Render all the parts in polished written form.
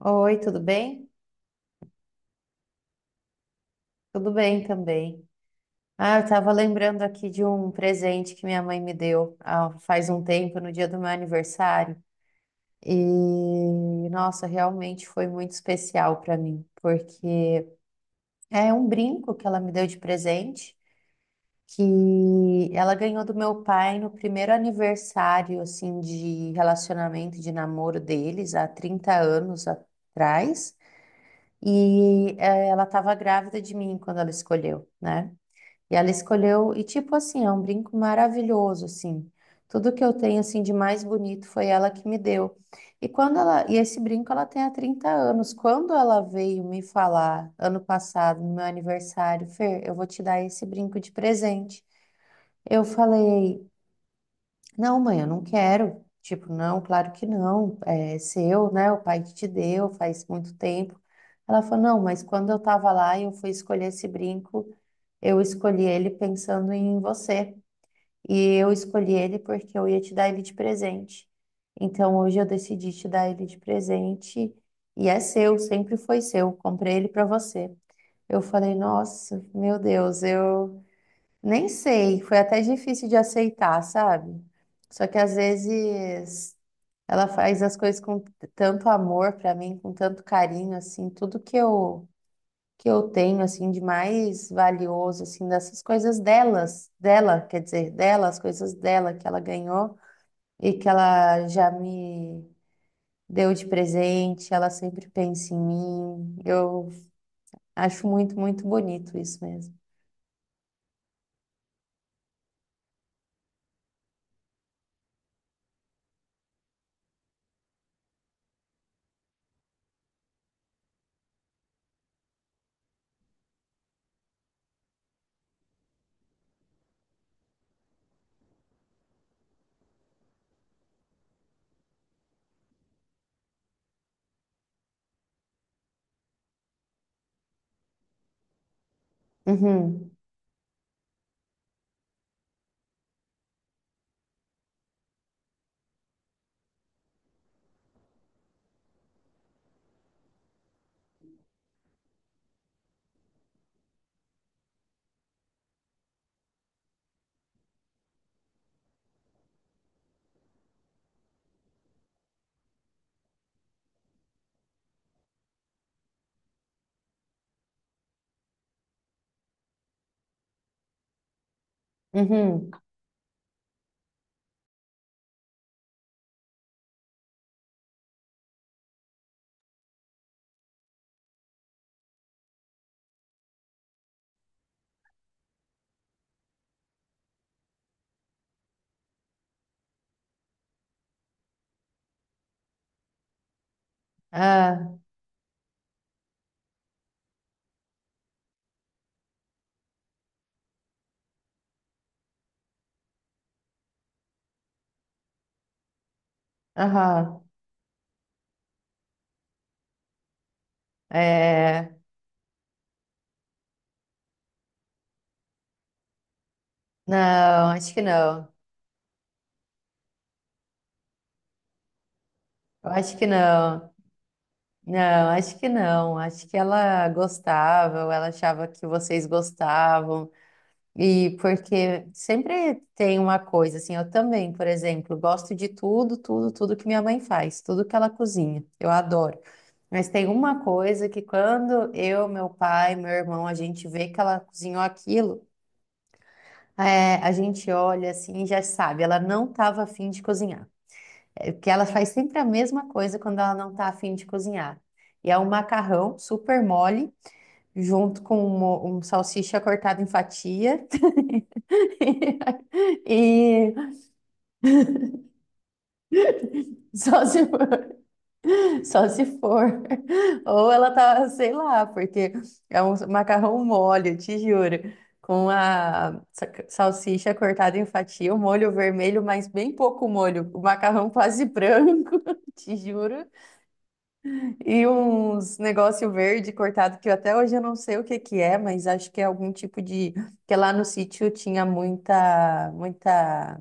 Oi, tudo bem? Tudo bem também. Ah, eu estava lembrando aqui de um presente que minha mãe me deu faz um tempo, no dia do meu aniversário. E, nossa, realmente foi muito especial para mim, porque é um brinco que ela me deu de presente, que ela ganhou do meu pai no primeiro aniversário, assim, de relacionamento, de namoro deles, há 30 anos atrás. E ela estava grávida de mim quando ela escolheu, né? E ela escolheu, e tipo assim, é um brinco maravilhoso, assim. Tudo que eu tenho, assim, de mais bonito foi ela que me deu. E quando ela, e esse brinco ela tem há 30 anos. Quando ela veio me falar, ano passado, no meu aniversário, Fer, eu vou te dar esse brinco de presente. Eu falei, não, mãe, eu não quero. Tipo, não, claro que não. É seu, né? O pai que te deu, faz muito tempo. Ela falou, não, mas quando eu tava lá e eu fui escolher esse brinco, eu escolhi ele pensando em você. E eu escolhi ele porque eu ia te dar ele de presente. Então hoje eu decidi te dar ele de presente. E é seu, sempre foi seu. Comprei ele para você. Eu falei, nossa, meu Deus, eu nem sei. Foi até difícil de aceitar, sabe? Só que às vezes ela faz as coisas com tanto amor para mim, com tanto carinho, assim, tudo que eu tenho assim de mais valioso assim dessas coisas delas, dela, quer dizer, dela, as coisas dela que ela ganhou e que ela já me deu de presente, ela sempre pensa em mim. Eu acho muito, muito bonito isso mesmo. Uhum. Uhum. Ah, aham. É, não, acho que não. Eu acho que não. Não, acho que não. Acho que ela gostava, ou ela achava que vocês gostavam. E porque sempre tem uma coisa, assim, eu também, por exemplo, gosto de tudo, tudo, tudo que minha mãe faz, tudo que ela cozinha, eu adoro. Mas tem uma coisa que quando eu, meu pai, meu irmão, a gente vê que ela cozinhou aquilo, é, a gente olha assim e já sabe, ela não estava afim de cozinhar. É, porque ela faz sempre a mesma coisa quando ela não está afim de cozinhar. E é um macarrão super mole, junto com um salsicha cortada em fatia E só se for, só se for. Ou ela tá, sei lá, porque é um macarrão mole, eu te juro. Com a salsicha cortada em fatia, o molho vermelho, mas bem pouco molho. O macarrão quase branco, te juro. E uns negócio verde cortado, que eu até hoje eu não sei o que que é, mas acho que é algum tipo de... Que lá no sítio tinha muita, muita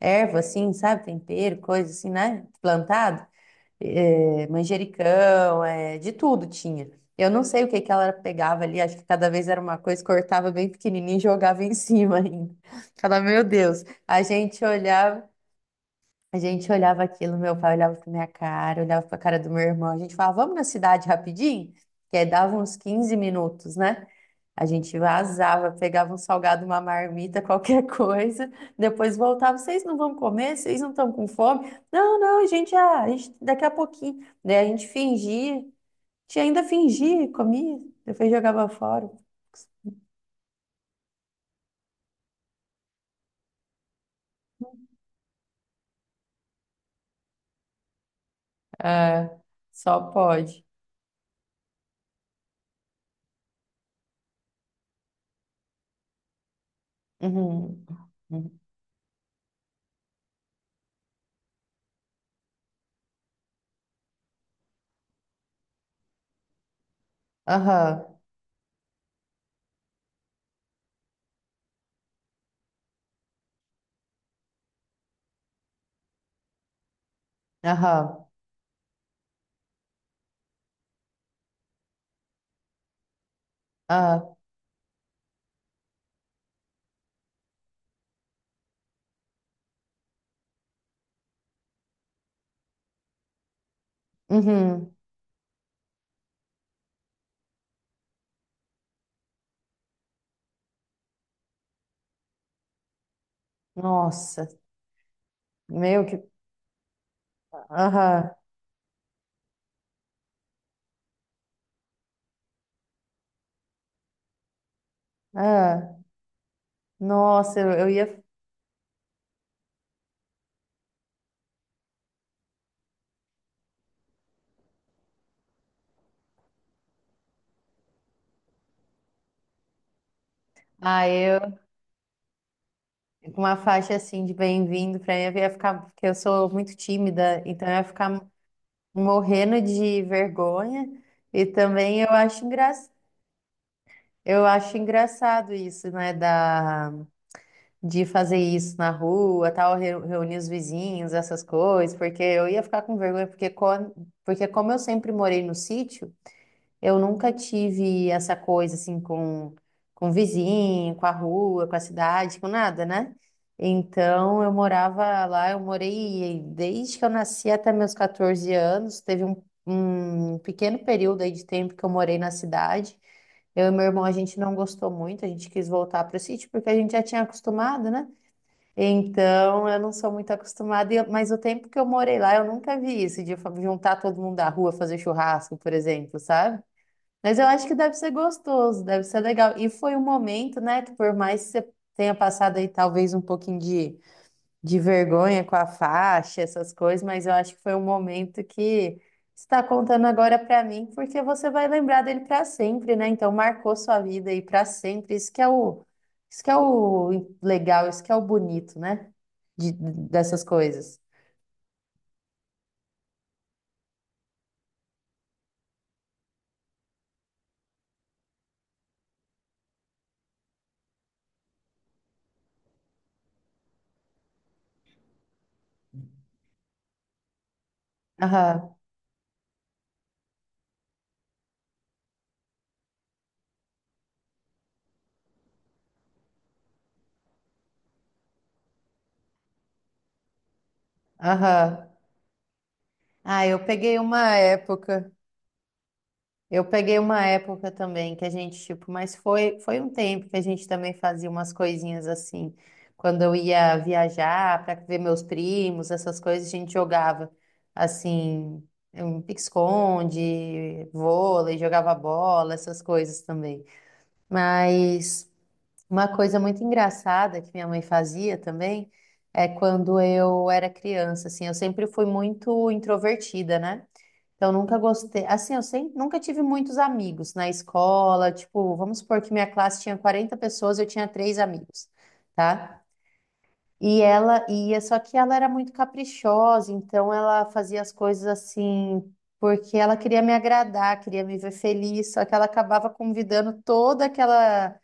erva, assim, sabe? Tempero, coisa assim, né? Plantado. É, manjericão, é, de tudo tinha. Eu não sei o que que ela pegava ali, acho que cada vez era uma coisa, cortava bem pequenininho e jogava em cima ainda. Falava, meu Deus, a gente olhava. A gente olhava aquilo, meu pai olhava pra minha cara, olhava pra cara do meu irmão. A gente falava, vamos na cidade rapidinho? Que aí dava uns 15 minutos, né? A gente vazava, pegava um salgado, uma marmita, qualquer coisa. Depois voltava, vocês não vão comer? Vocês não estão com fome? Não, não, a gente, ah, a gente daqui a pouquinho. Daí a gente fingia, a gente ainda fingia, comia, depois jogava fora. É, só pode. Uhum. Uhum. Aham. Aham. Aham. Uhum. Nossa, meu que. Aham, ah, nossa, eu ia. Ah, eu. Com uma faixa assim de bem-vindo, pra mim eu ia ficar. Porque eu sou muito tímida, então eu ia ficar morrendo de vergonha. E também eu acho engra... eu acho engraçado isso, né? Da... De fazer isso na rua, tal, reunir os vizinhos, essas coisas, porque eu ia ficar com vergonha, porque, quando... porque como eu sempre morei no sítio. Eu nunca tive essa coisa assim com o vizinho, com a rua, com a cidade, com nada, né? Então eu morava lá, eu morei desde que eu nasci até meus 14 anos. Teve um pequeno período aí de tempo que eu morei na cidade. Eu e meu irmão, a gente não gostou muito, a gente quis voltar para o sítio porque a gente já tinha acostumado, né? Então, eu não sou muito acostumada, mas o tempo que eu morei lá, eu nunca vi isso, de juntar todo mundo da rua, fazer churrasco, por exemplo, sabe? Mas eu acho que deve ser gostoso, deve ser legal. E foi um momento, né, que por mais que você tenha passado aí talvez um pouquinho de vergonha com a faixa, essas coisas, mas eu acho que foi um momento que você está contando agora pra mim, porque você vai lembrar dele pra sempre, né? Então marcou sua vida aí pra sempre. Isso que é o legal, isso que é o bonito, né? De, dessas coisas. Aham, aham. Ah, eu peguei uma época. Eu peguei uma época também que a gente, tipo, mas foi, foi um tempo que a gente também fazia umas coisinhas assim. Quando eu ia viajar para ver meus primos, essas coisas, a gente jogava assim, um pique-esconde, vôlei, jogava bola, essas coisas também. Mas uma coisa muito engraçada que minha mãe fazia também é quando eu era criança, assim, eu sempre fui muito introvertida, né? Então, nunca gostei. Assim, eu sempre, nunca tive muitos amigos na escola. Tipo, vamos supor que minha classe tinha 40 pessoas, eu tinha três amigos, tá? E ela ia, só que ela era muito caprichosa, então ela fazia as coisas assim, porque ela queria me agradar, queria me ver feliz, só que ela acabava convidando toda aquela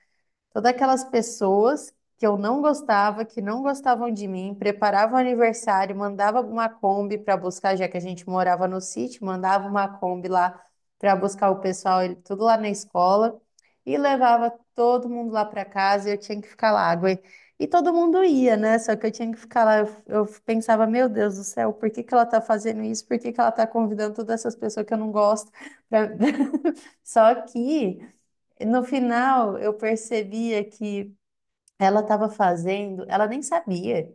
Todas aquelas pessoas que eu não gostava, que não gostavam de mim, preparava o aniversário, mandava uma Kombi para buscar, já que a gente morava no sítio, mandava uma Kombi lá para buscar o pessoal, tudo lá na escola, e levava todo mundo lá para casa e eu tinha que ficar lá. E todo mundo ia, né? Só que eu tinha que ficar lá. Eu pensava, meu Deus do céu, por que que ela tá fazendo isso? Por que que ela tá convidando todas essas pessoas que eu não gosto? pra- Só que. No final, eu percebia que ela estava fazendo, ela nem sabia.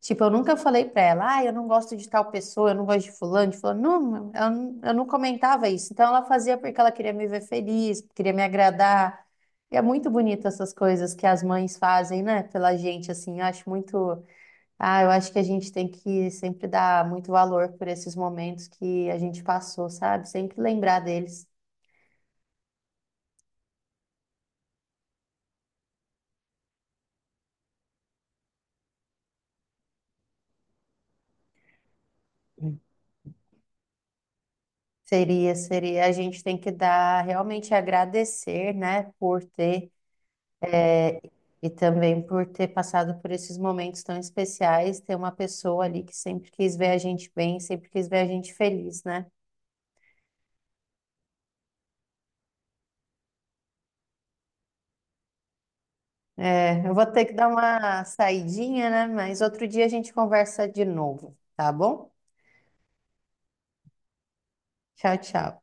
Tipo, eu nunca falei pra ela, ah, eu não gosto de tal pessoa, eu não gosto de fulano, de fulano. Não, eu, eu não comentava isso. Então, ela fazia porque ela queria me ver feliz, queria me agradar. E é muito bonito essas coisas que as mães fazem, né, pela gente, assim. Eu acho muito. Ah, eu acho que a gente tem que sempre dar muito valor por esses momentos que a gente passou, sabe? Sempre lembrar deles. Seria, seria. A gente tem que dar, realmente agradecer, né, por ter e também por ter passado por esses momentos tão especiais, ter uma pessoa ali que sempre quis ver a gente bem, sempre quis ver a gente feliz, né? É, eu vou ter que dar uma saidinha, né? Mas outro dia a gente conversa de novo, tá bom? Tchau, tchau.